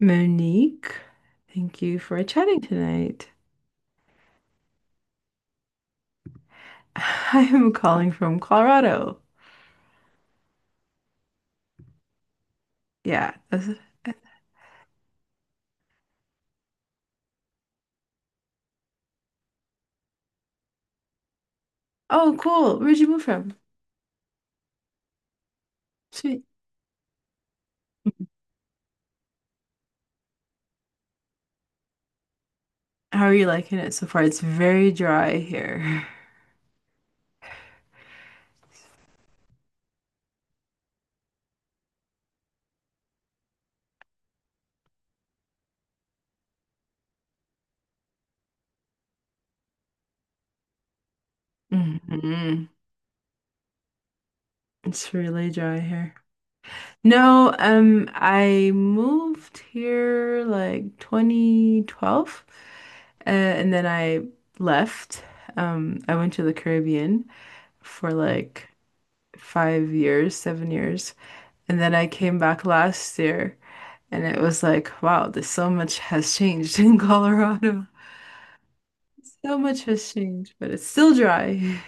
Monique, thank you for chatting tonight. I am calling from Colorado. Yeah. Oh, cool. Where'd you move from? Sweet. How are you liking it so far? It's very dry here. hmm It's really dry here. No, I moved here like 2012, and then I left. I went to the Caribbean for like 5 years, 7 years. And then I came back last year and it was like, wow, this so much has changed in Colorado. So much has changed, but it's still dry.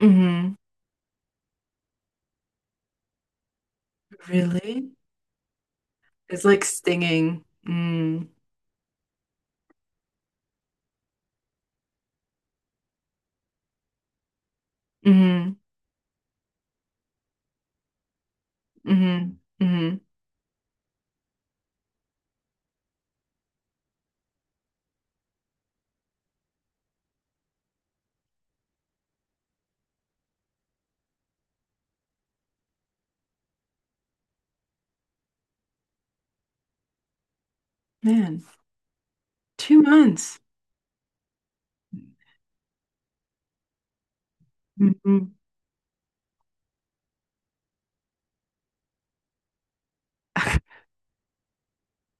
Hmm Really? It's like stinging. Mm. hmm hmm hmm Man, 2 months. Hmm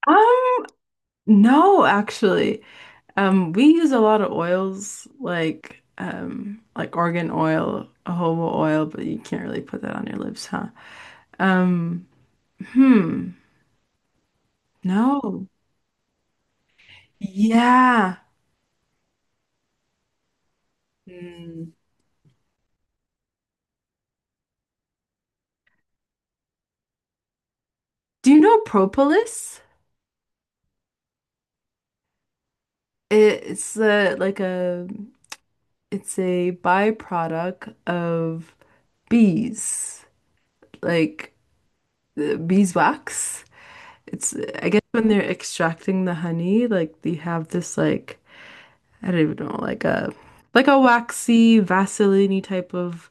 Um, no, actually. We use a lot of oils like organ oil, jojoba oil, but you can't really put that on your lips, huh? Um, hmm. No. Yeah. Mm. Do you know propolis? It's like a it's a byproduct of bees, like the beeswax. It's I guess when they're extracting the honey, like they have this like I don't even know, like a waxy, vaseline type of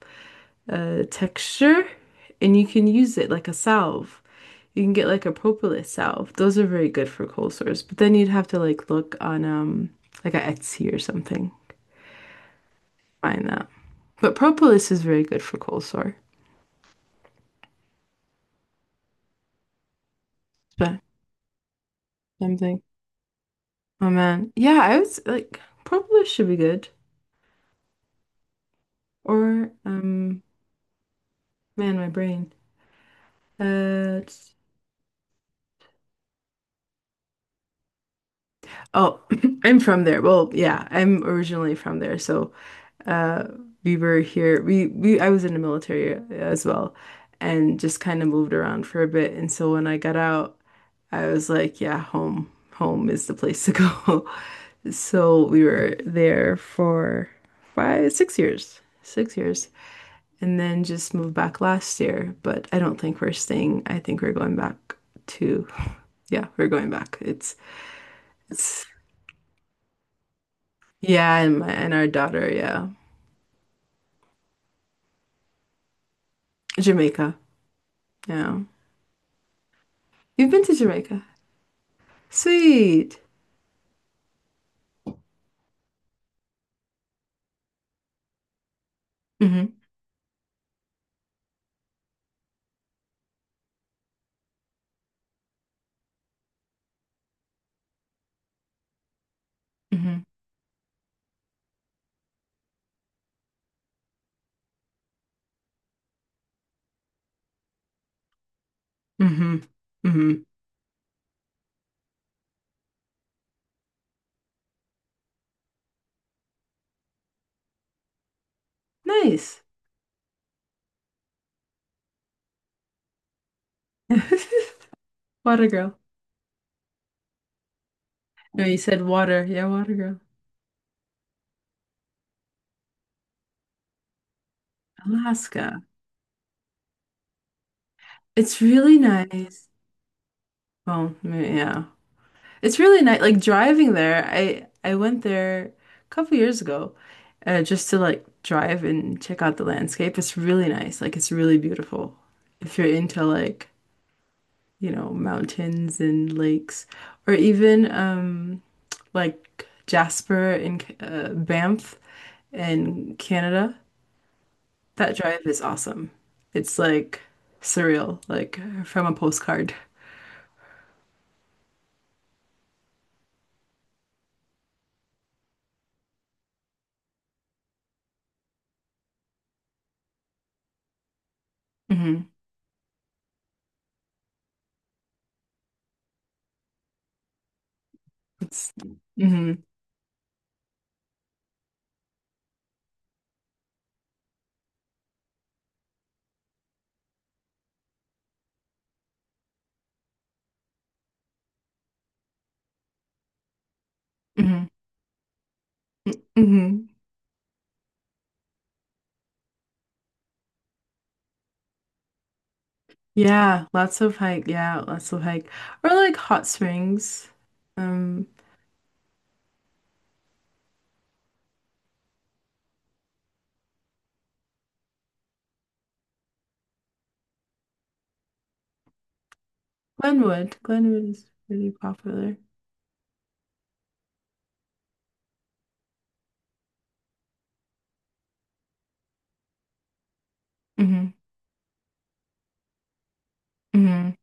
texture, and you can use it like a salve. You can get like a propolis salve. Those are very good for cold sores. But then you'd have to like look on like a Etsy or something. Find that. But propolis is very good for cold sore. But something. Oh man. Yeah, I was like propolis should be good. Or man, my brain. Uh oh, I'm from there. Well, yeah, I'm originally from there, so uh we were here we I was in the military as well, and just kind of moved around for a bit, and so when I got out I was like, yeah, home is the place to go. So we were there for five six years 6 years, and then just moved back last year. But I don't think we're staying. I think we're going back to yeah, we're going back. It's yeah, and my and our daughter. Yeah, Jamaica. Yeah, you've been to Jamaica. Sweet. Mm-hmm. Mm-hmm. Mm-hmm. Mm-hmm. Nice. Water girl. No, you said water. Yeah, water girl. Alaska. It's really nice. Well, mm, yeah. It's really nice. Like driving there, I went there a couple years ago, just to like drive and check out the landscape. It's really nice. Like it's really beautiful. If you're into like mountains and lakes, or even like Jasper in Banff in Canada. That drive is awesome. It's like surreal, like from a postcard. Hmm It's hmm hmm hmm Yeah, lots of hike. Yeah, lots of hike. Or like hot springs. Um, Glenwood. Glenwood is pretty popular. Hmm hmm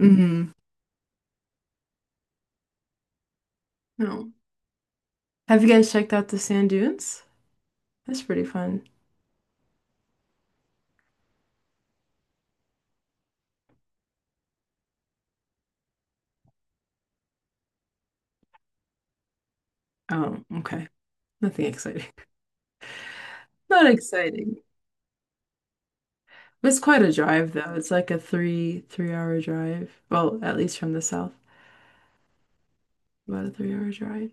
hmm No. Have you guys checked out the sand dunes? That's pretty fun. Oh, okay. Nothing exciting. Not exciting. It's quite a drive though. It's like a three hour drive. Well, at least from the south, about a 3 hour drive.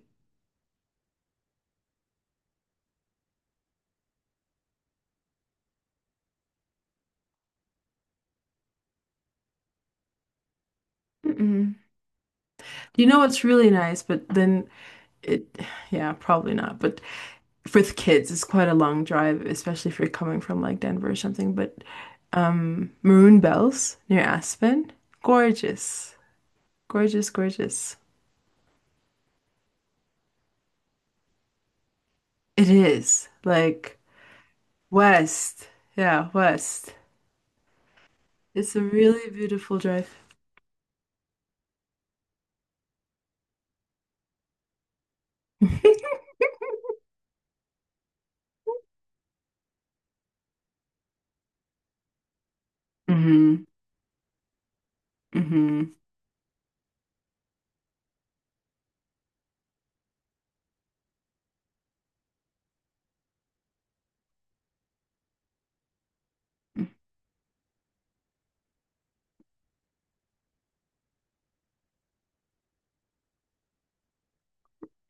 Mm-mm. You know what's really nice, but then it, yeah, probably not. But for the kids, it's quite a long drive, especially if you're coming from like Denver or something. But Maroon Bells near Aspen, gorgeous, gorgeous, gorgeous. It is like. West. Yeah, west. It's a really beautiful drive. hmm hmm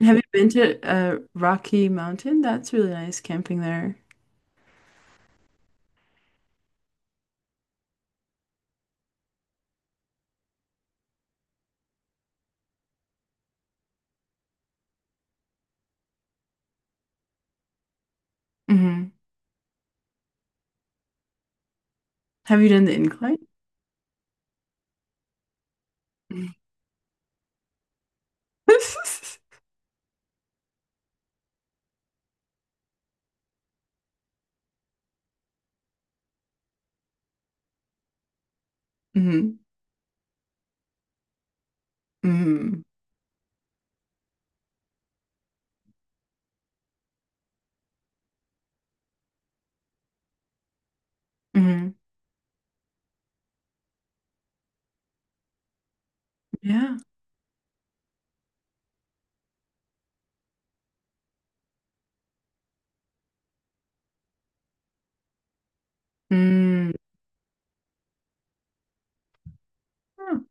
Have you been to Rocky Mountain? That's really nice camping there. Hmm Have you done the incline? Mm. Mm-hmm. hmm hmm Yeah. Mm. Huh.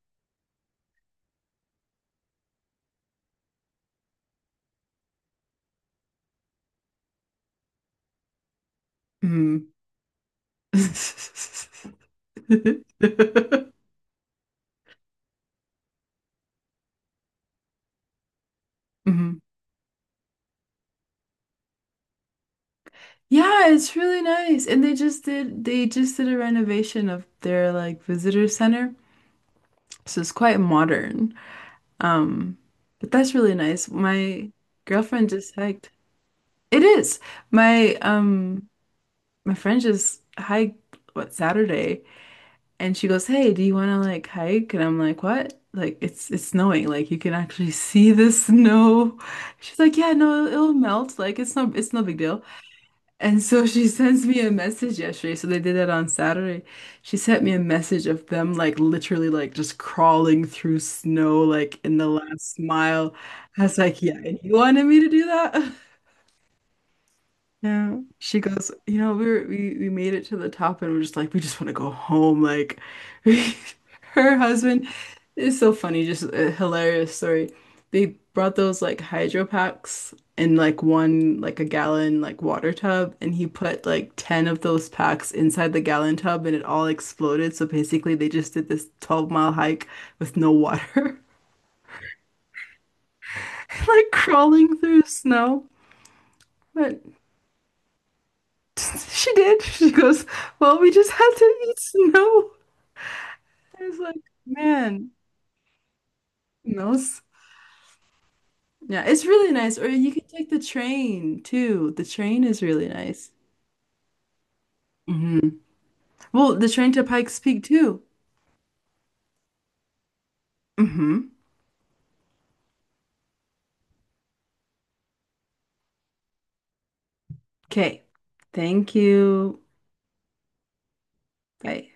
Mm. hmm Yeah, it's really nice. And they just did a renovation of their like visitor center. So it's quite modern. Um, but that's really nice. My girlfriend just hiked. It is. My my friend just hiked what Saturday, and she goes, "Hey, do you want to like hike?" And I'm like, "What?" Like it's snowing. Like you can actually see the snow. She's like, "Yeah, no, it'll melt. Like it's no big deal." And so she sends me a message yesterday. So they did it on Saturday. She sent me a message of them like literally like just crawling through snow like in the last mile. I was like, yeah, and you wanted me to do that? Yeah. She goes, you know, we were, we made it to the top, and we're just like, we just want to go home. Like her husband is so funny, just a hilarious story. They brought those like hydro packs in like one like a gallon like water tub, and he put like 10 of those packs inside the gallon tub, and it all exploded. So basically they just did this 12-mile hike with no water, like crawling through snow. But she did. She goes, well, we just had to eat snow. I was like, man, no. Yeah, it's really nice. Or you can take the train too. The train is really nice. Hmm Well, the train to Pikes Peak too. Hmm Okay. Thank you. Bye.